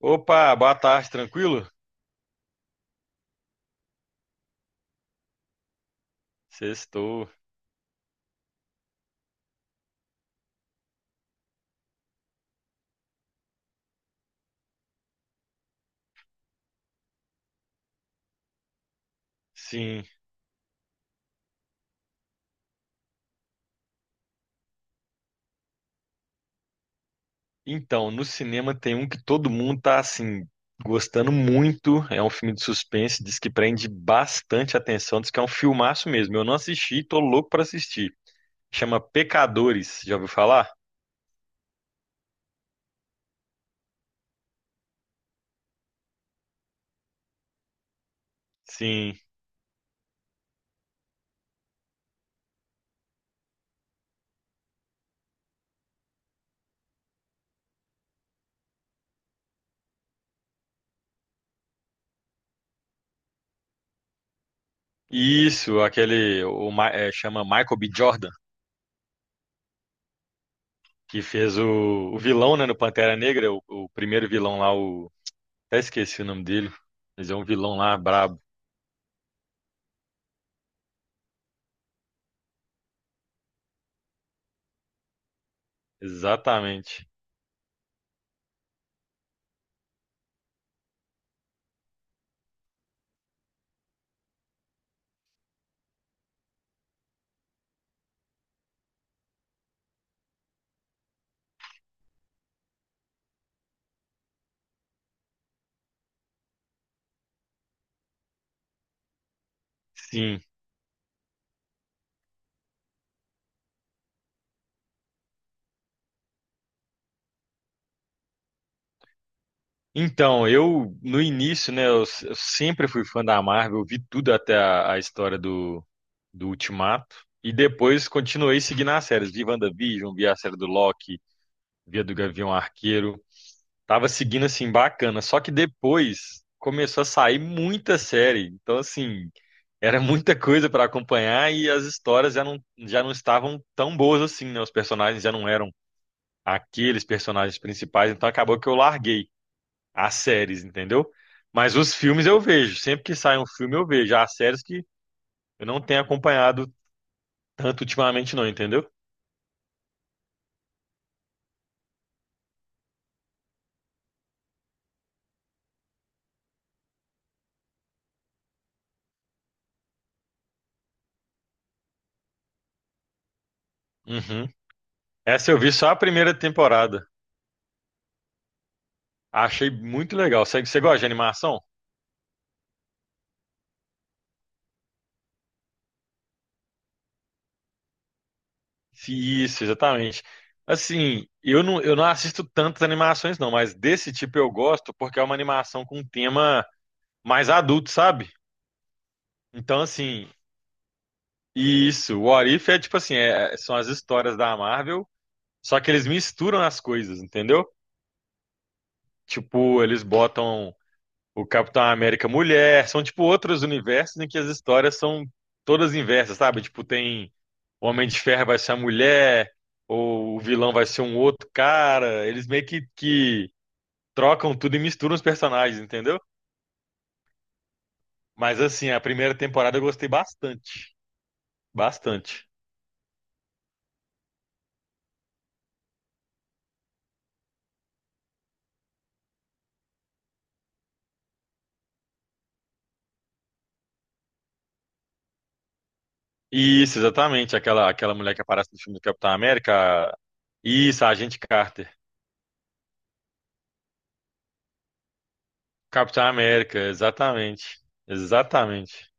Opa, boa tarde, tranquilo? Sextou. Sim. Então, no cinema tem um que todo mundo tá assim gostando muito. É um filme de suspense, diz que prende bastante atenção, diz que é um filmaço mesmo. Eu não assisti, tô louco pra assistir. Chama Pecadores, já ouviu falar? Sim. Isso, aquele o, Ma- é, chama Michael B. Jordan, que fez o vilão, né, no Pantera Negra, o primeiro vilão lá, o até esqueci o nome dele, mas é um vilão lá brabo. Exatamente. Sim. Então, eu no início, né, eu sempre fui fã da Marvel, eu vi tudo até a história do Ultimato e depois continuei seguindo as séries, vi WandaVision, vi a série do Loki, vi a do Gavião Arqueiro, tava seguindo assim bacana, só que depois começou a sair muita série, então assim, era muita coisa para acompanhar e as histórias já não estavam tão boas assim, né, os personagens já não eram aqueles personagens principais, então acabou que eu larguei. As séries, entendeu? Mas os filmes eu vejo. Sempre que sai um filme eu vejo. As séries que eu não tenho acompanhado tanto ultimamente, não, entendeu? Uhum. Essa eu vi só a primeira temporada. Achei muito legal. Você gosta de animação? Sim, isso, exatamente. Assim, eu não assisto tantas animações, não, mas desse tipo eu gosto porque é uma animação com um tema mais adulto, sabe? Então, assim, isso. O What If é tipo assim: são as histórias da Marvel, só que eles misturam as coisas, entendeu? Tipo, eles botam o Capitão América mulher, são tipo outros universos em que as histórias são todas inversas, sabe? Tipo, tem o Homem de Ferro vai ser a mulher, ou o vilão vai ser um outro cara. Eles meio que trocam tudo e misturam os personagens, entendeu? Mas assim, a primeira temporada eu gostei bastante, bastante. Isso, exatamente, aquela mulher que aparece no filme do Capitão América. Isso, a Agente Carter. Capitão América, exatamente. Exatamente.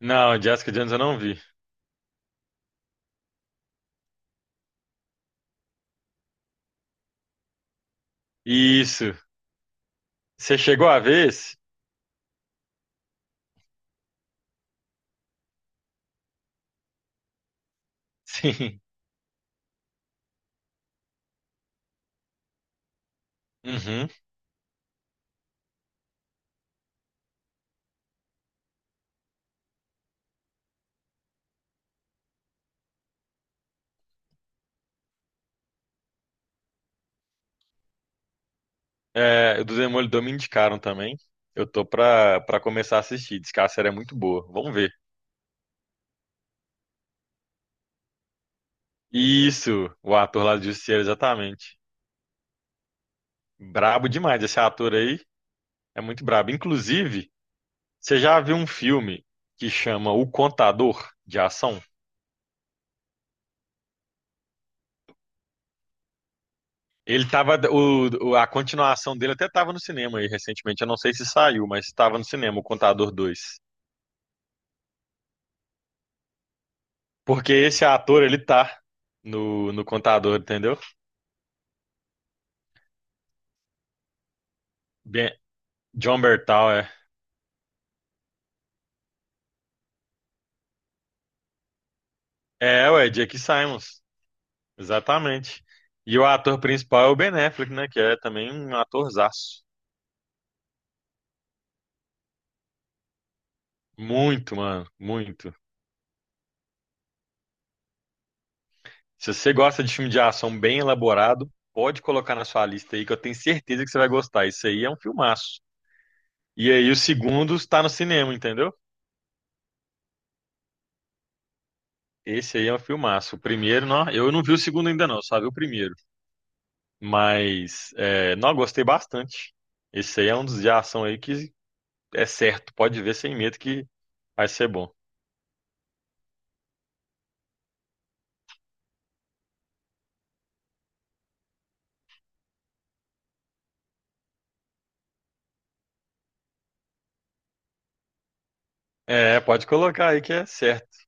Não, Jessica Jones eu não vi. Isso. Você chegou a ver esse? Sim. Uhum. É, o do Demolidor me indicaram também. Eu tô pra começar a assistir. Diz que a série é muito boa. Vamos ver. Isso, o ator lá do Justiceiro, exatamente. Brabo demais. Esse ator aí é muito brabo. Inclusive, você já viu um filme que chama O Contador de Ação? Ele tava. A continuação dele até tava no cinema aí recentemente. Eu não sei se saiu, mas estava no cinema, O Contador dois. Porque esse ator, ele tá no contador, entendeu? Ben- John Bertal, é. É, ué, Jake Simons. Exatamente. E o ator principal é o Ben Affleck, né? Que é também um atorzaço. Muito, mano, muito. Se você gosta de filme de ação bem elaborado, pode colocar na sua lista aí, que eu tenho certeza que você vai gostar. Isso aí é um filmaço. E aí o segundo está no cinema, entendeu? Esse aí é um filmaço. O primeiro, não, eu não vi o segundo ainda não, só vi o primeiro. Mas, é, não, eu gostei bastante. Esse aí é um dos de ação aí que é certo. Pode ver sem medo que vai ser bom. É, pode colocar aí que é certo.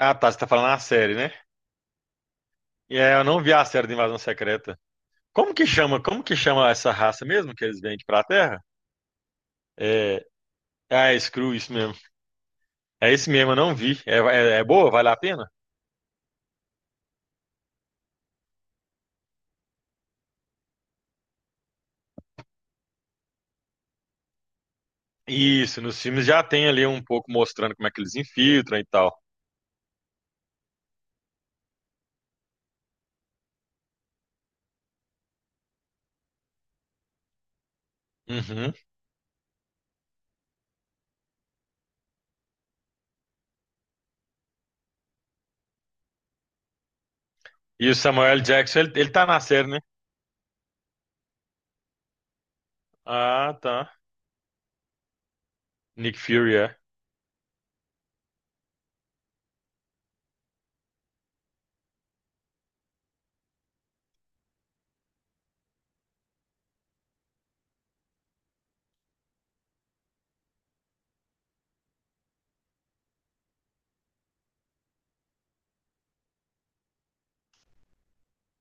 Ah, tá, você tá falando a série, né? E é, eu não vi a série de Invasão Secreta. Como que chama? Como que chama essa raça mesmo que eles vêm aqui pra Terra? É, ah, é Skrull, isso mesmo. É esse mesmo, eu não vi. É, é boa? Vale a pena? Isso, nos filmes já tem ali um pouco mostrando como é que eles infiltram e tal. Uhum. E o Samuel L. Jackson, ele tá na série, né? Ah, tá. Nick Fury, é.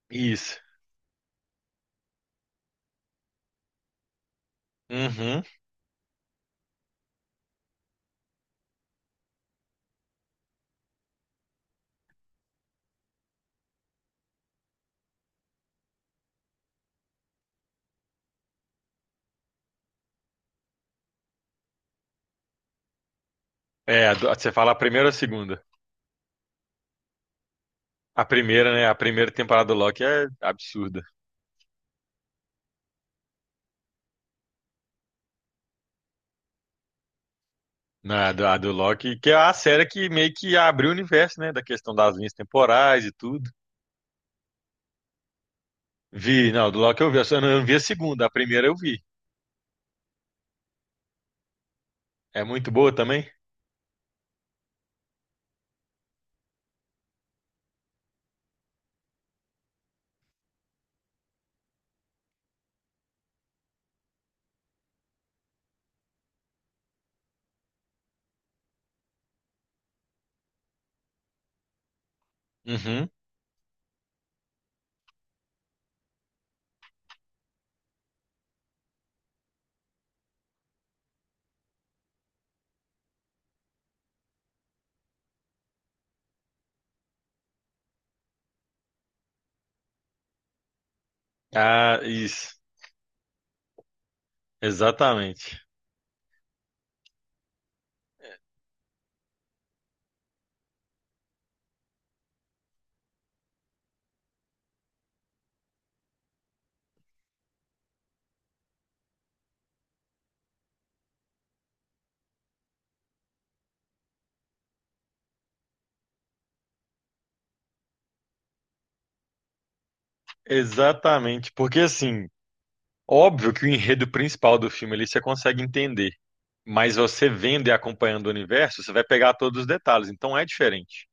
Isso. Uhum. É, você fala a primeira ou a segunda? A primeira, né? A primeira temporada do Loki é absurda. A do Loki, que é a série que meio que abriu o universo, né? Da questão das linhas temporais e tudo. Vi, não, do Loki eu vi, eu só não vi a segunda, a primeira eu vi. É muito boa também? Uhum. Ah, isso. Exatamente. Exatamente. Porque assim, óbvio que o enredo principal do filme ali você consegue entender. Mas você vendo e acompanhando o universo, você vai pegar todos os detalhes, então é diferente.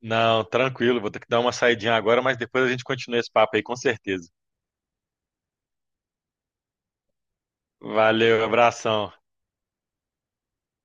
Não, tranquilo, vou ter que dar uma saidinha agora, mas depois a gente continua esse papo aí, com certeza. Valeu, abração.